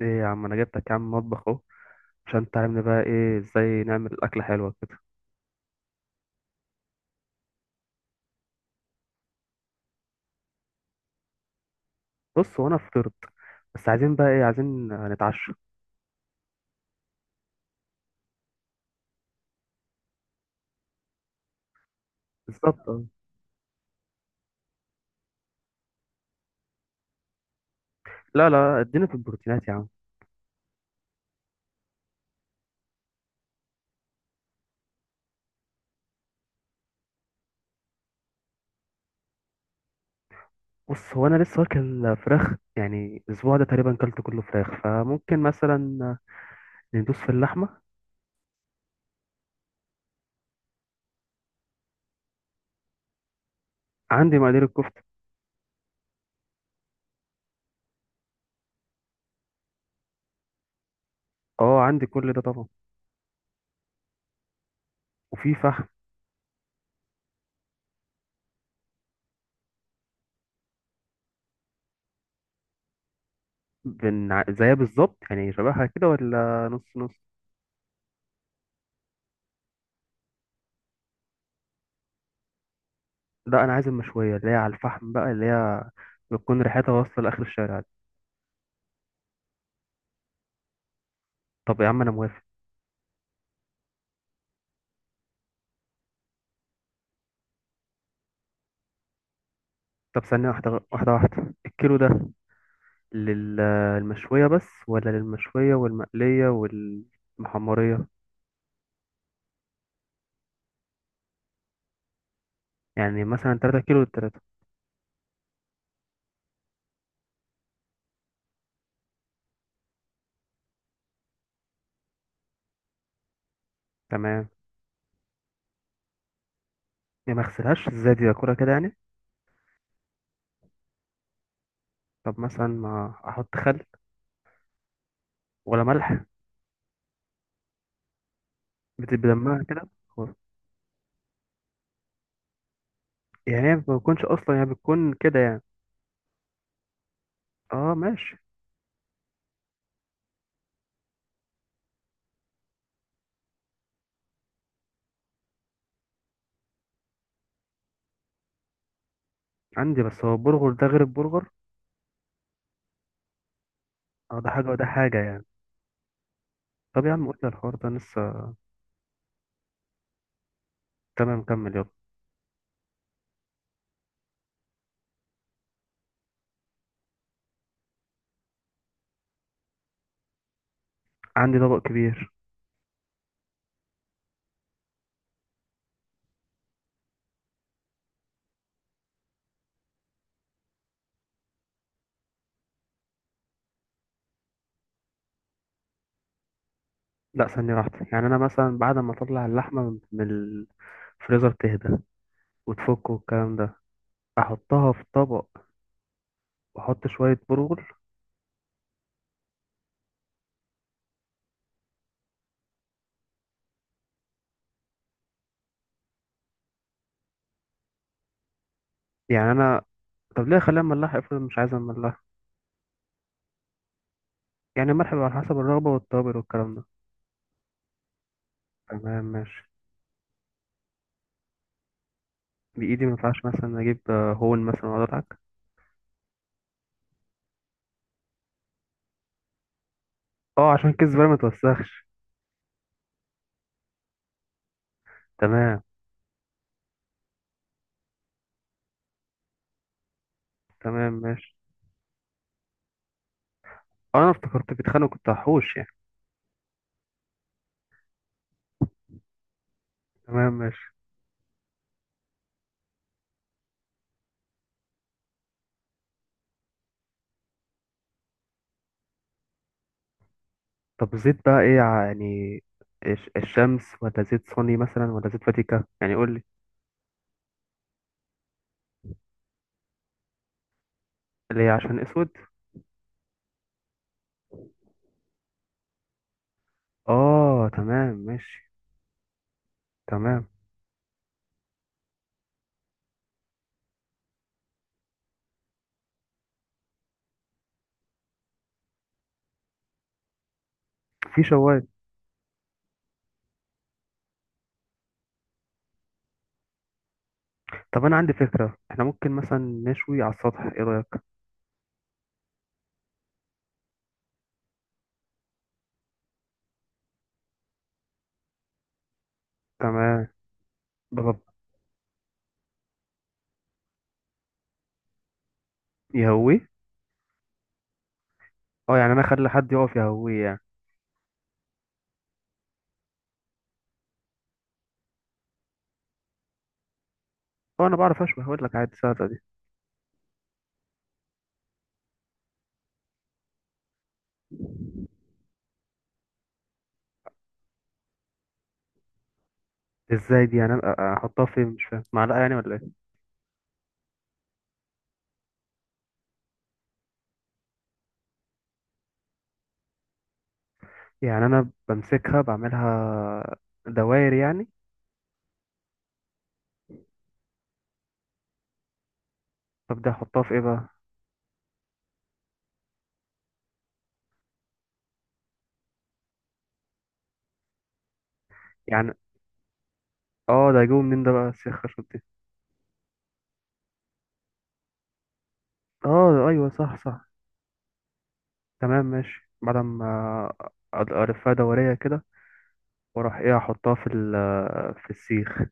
ايه يا عم، انا جبتك يا عم مطبخ اهو عشان تعلمني بقى ايه ازاي نعمل اكله حلوه كده. بص، هو انا فطرت بس عايزين بقى ايه، عايزين نتعشى. بالظبط اه. لا لا، ادينا في البروتينات يا عم. بص، هو انا لسه واكل فراخ، يعني الاسبوع ده تقريبا كلت كله فراخ، فممكن مثلا ندوس في اللحمه. عندي مقادير الكفته. اه عندي كل ده طبعا. وفي فحم. زيها بالظبط يعني، شبهها كده ولا نص نص؟ لا، انا عايز المشويه اللي هي على الفحم بقى، اللي هي بتكون ريحتها واصله لاخر الشارع. طب يا عم انا موافق. طب ثانية، واحدة، الكيلو ده للمشوية بس ولا للمشوية والمقلية والمحمرية؟ يعني مثلا تلاتة كيلو للتلاتة. تمام. يعني ما اغسلهاش ازاي، دي اكلها كده يعني؟ طب مثلا ما احط خل، ولا ملح؟ بتبقى دمها كده خلاص. يعني هي ما بتكونش اصلا، يعني بتكون كده يعني. اه ماشي. عندي، بس هو البرجر ده غير البرجر. اه ده حاجة وده حاجة يعني. طب يا عم قلت الحوار ده لسه. تمام كمل يلا. عندي طبق كبير. لا ثانية واحدة، يعني أنا مثلا بعد ما أطلع اللحمة من الفريزر تهدى وتفك والكلام ده، أحطها في طبق وأحط شوية برغل. يعني أنا، طب ليه أخليها مملحة، افرض مش عايزة مملحة؟ يعني الملح بيبقى على حسب الرغبة، والتوابل والكلام ده. تمام ماشي. بإيدي؟ ما ينفعش مثلا أجيب هون مثلا وأقعد أضحك؟ أه، عشان كيس الزبالة ما توسخش. تمام. تمام ماشي. أه أنا افتكرت بيتخانقوا كنت هحوش يعني. تمام ماشي. طب زيت بقى إيه يعني، الشمس، ولا زيت صيني مثلا، ولا زيت فاتيكا يعني، قول؟ اللي هي عشان اسود. اه تمام ماشي. تمام. في شوايه. طب انا عندي فكره، احنا ممكن مثلا نشوي على السطح، ايه رايك؟ تمام. بغب. يهويه. اه يعني انا اخلي حد يقف يهويه يعني. اه انا بعرف اشوي، هقول لك عادي ساعتها دي. ازاي دي يعني؟ احطها فين؟ مش فاهم، معلقه يعني ولا ايه؟ يعني انا بمسكها بعملها دوائر يعني؟ طب ده احطها في ايه بقى؟ يعني اه، ده جوه منين ده بقى السيخ خشب دي؟ اه ايوه صح صح. تمام ماشي. بعد ما الفها دوريه كده، واروح ايه احطها في ال، في السيخ.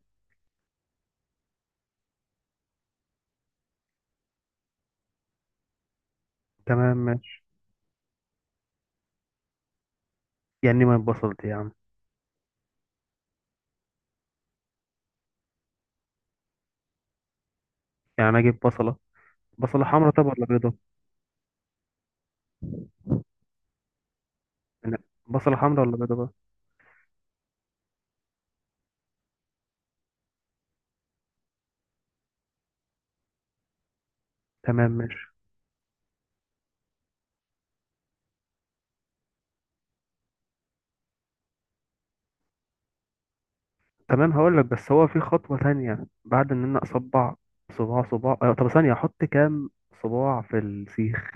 تمام ماشي. يعني ما اتبصلت يا عم؟ يعني انا اجيب بصله، بصله حمراء طب ولا بيضه؟ أنا، بصله حمراء ولا بيضه بقى؟ تمام ماشي. تمام هقول لك، بس هو في خطوه تانية. بعد ان انا اصبع صباع صباع أه. طب ثانيه، احط كام صباع في السيخ؟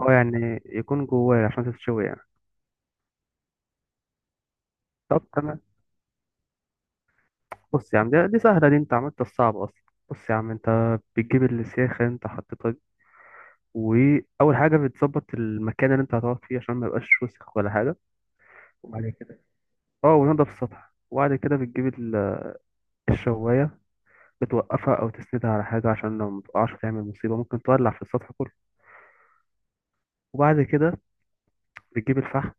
اه، يعني يكون جواه عشان تتشوي يعني. طب تمام. بص يا عم، دي سهله، دي انت عملت الصعب اصلا. بص يا عم، انت بتجيب السيخ انت حطيتها. واول حاجه بتظبط المكان اللي انت هتقعد فيه عشان ما يبقاش وسخ ولا حاجه. وبعد كده، اه ونضف السطح. وبعد كده بتجيب الشوايه، بتوقفها او تسندها على حاجه، عشان لو متقعش تعمل مصيبه ممكن تولع في السطح كله. وبعد كده بتجيب الفحم،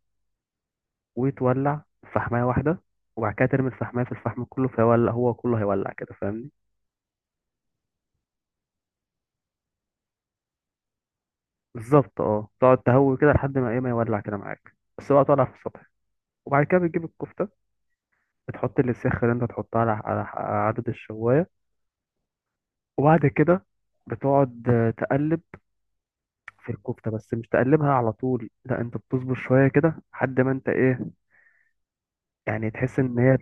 وتولع فحمايه واحده، وبعد كده ترمي الفحمايه في الفحم كله فيولع هو كله، هيولع كده، فاهمني؟ بالظبط اه. تقعد تهوي كده لحد ما ايه، ما يولع كده معاك، بس بقى تولع في السطح. وبعد كده بتجيب الكفته، بتحط السخة اللي انت تحطها على على عدد الشوايه. وبعد كده بتقعد تقلب في الكفتة، بس مش تقلبها على طول، لا انت بتصبر شوية كده لحد ما انت ايه، يعني تحس ان هي.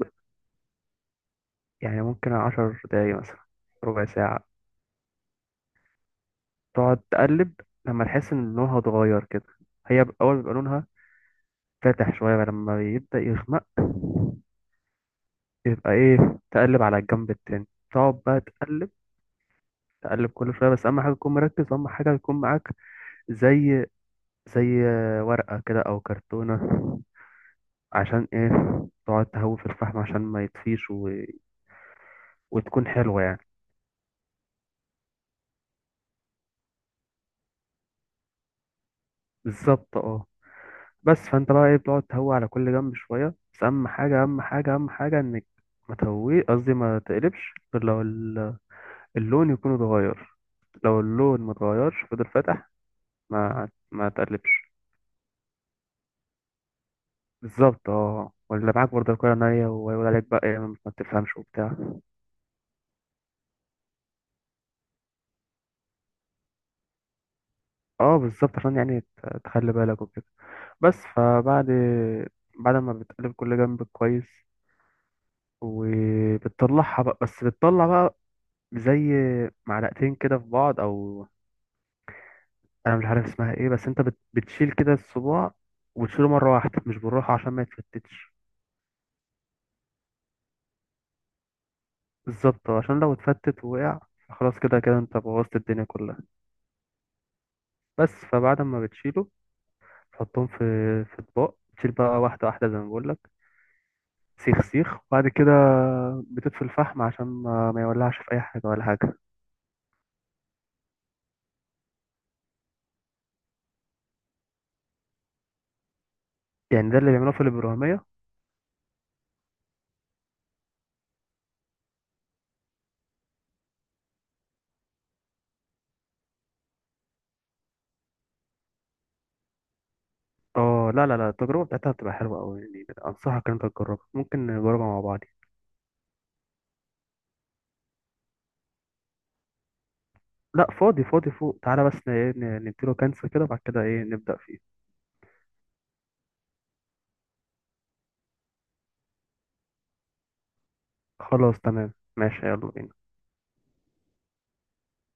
يعني ممكن 10 دقايق مثلا، ربع ساعة. تقعد تقلب لما تحس ان لونها اتغير كده. هي اول بيبقى لونها فاتح شوية، بقى لما يبدأ يغمق يبقى ايه، تقلب على الجنب التاني. تقعد بقى تقلب، تقلب كل شوية. بس أهم حاجة تكون مركز، أهم حاجة يكون معاك زي، زي ورقة كده أو كرتونة. عشان ايه؟ تقعد تهوي في الفحم عشان ما يطفيش، و... وتكون حلوة يعني. بالظبط اه. بس فانت بقى ايه، بتقعد تهوي على كل جنب شوية. بس اهم حاجة، اهم حاجة، اهم حاجة انك ما تهويه، قصدي ما تقلبش غير لو اللون يكون اتغير. لو اللون ما اتغيرش فضل فاتح، ما تقلبش. بالظبط اه، ولا معاك برضه الكوره نية ويقول عليك بقى ايه، ما بتفهمش وبتاع. اه بالظبط، عشان يعني تخلي بالك وكده. بس بعد ما بتقلب كل جنب كويس وبتطلعها بقى، بس بتطلع بقى زي معلقتين كده في بعض، او انا مش عارف اسمها ايه، بس انت بتشيل كده الصباع وتشيله مرة واحدة مش بالراحة عشان ما يتفتتش. بالظبط، عشان لو اتفتت ووقع خلاص كده كده انت بوظت الدنيا كلها. بس فبعد ما بتشيله تحطهم في، في اطباق. تشيل بقى واحدة واحدة زي ما بقول لك، سيخ سيخ. وبعد كده بتطفي الفحم عشان ما يولعش في اي حاجة ولا حاجة. يعني ده اللي بيعملوه في الإبرامية. اه لا لا لا، التجربة بتاعتها بتبقى حلوة أوي يعني، أنصحك إن أنت تجربها، ممكن نجربها مع بعض. لا فاضي فاضي فوق، تعالى بس نديله كنسل كده، بعد كده إيه نبدأ فيه. خلاص تمام ماشي يلا بينا.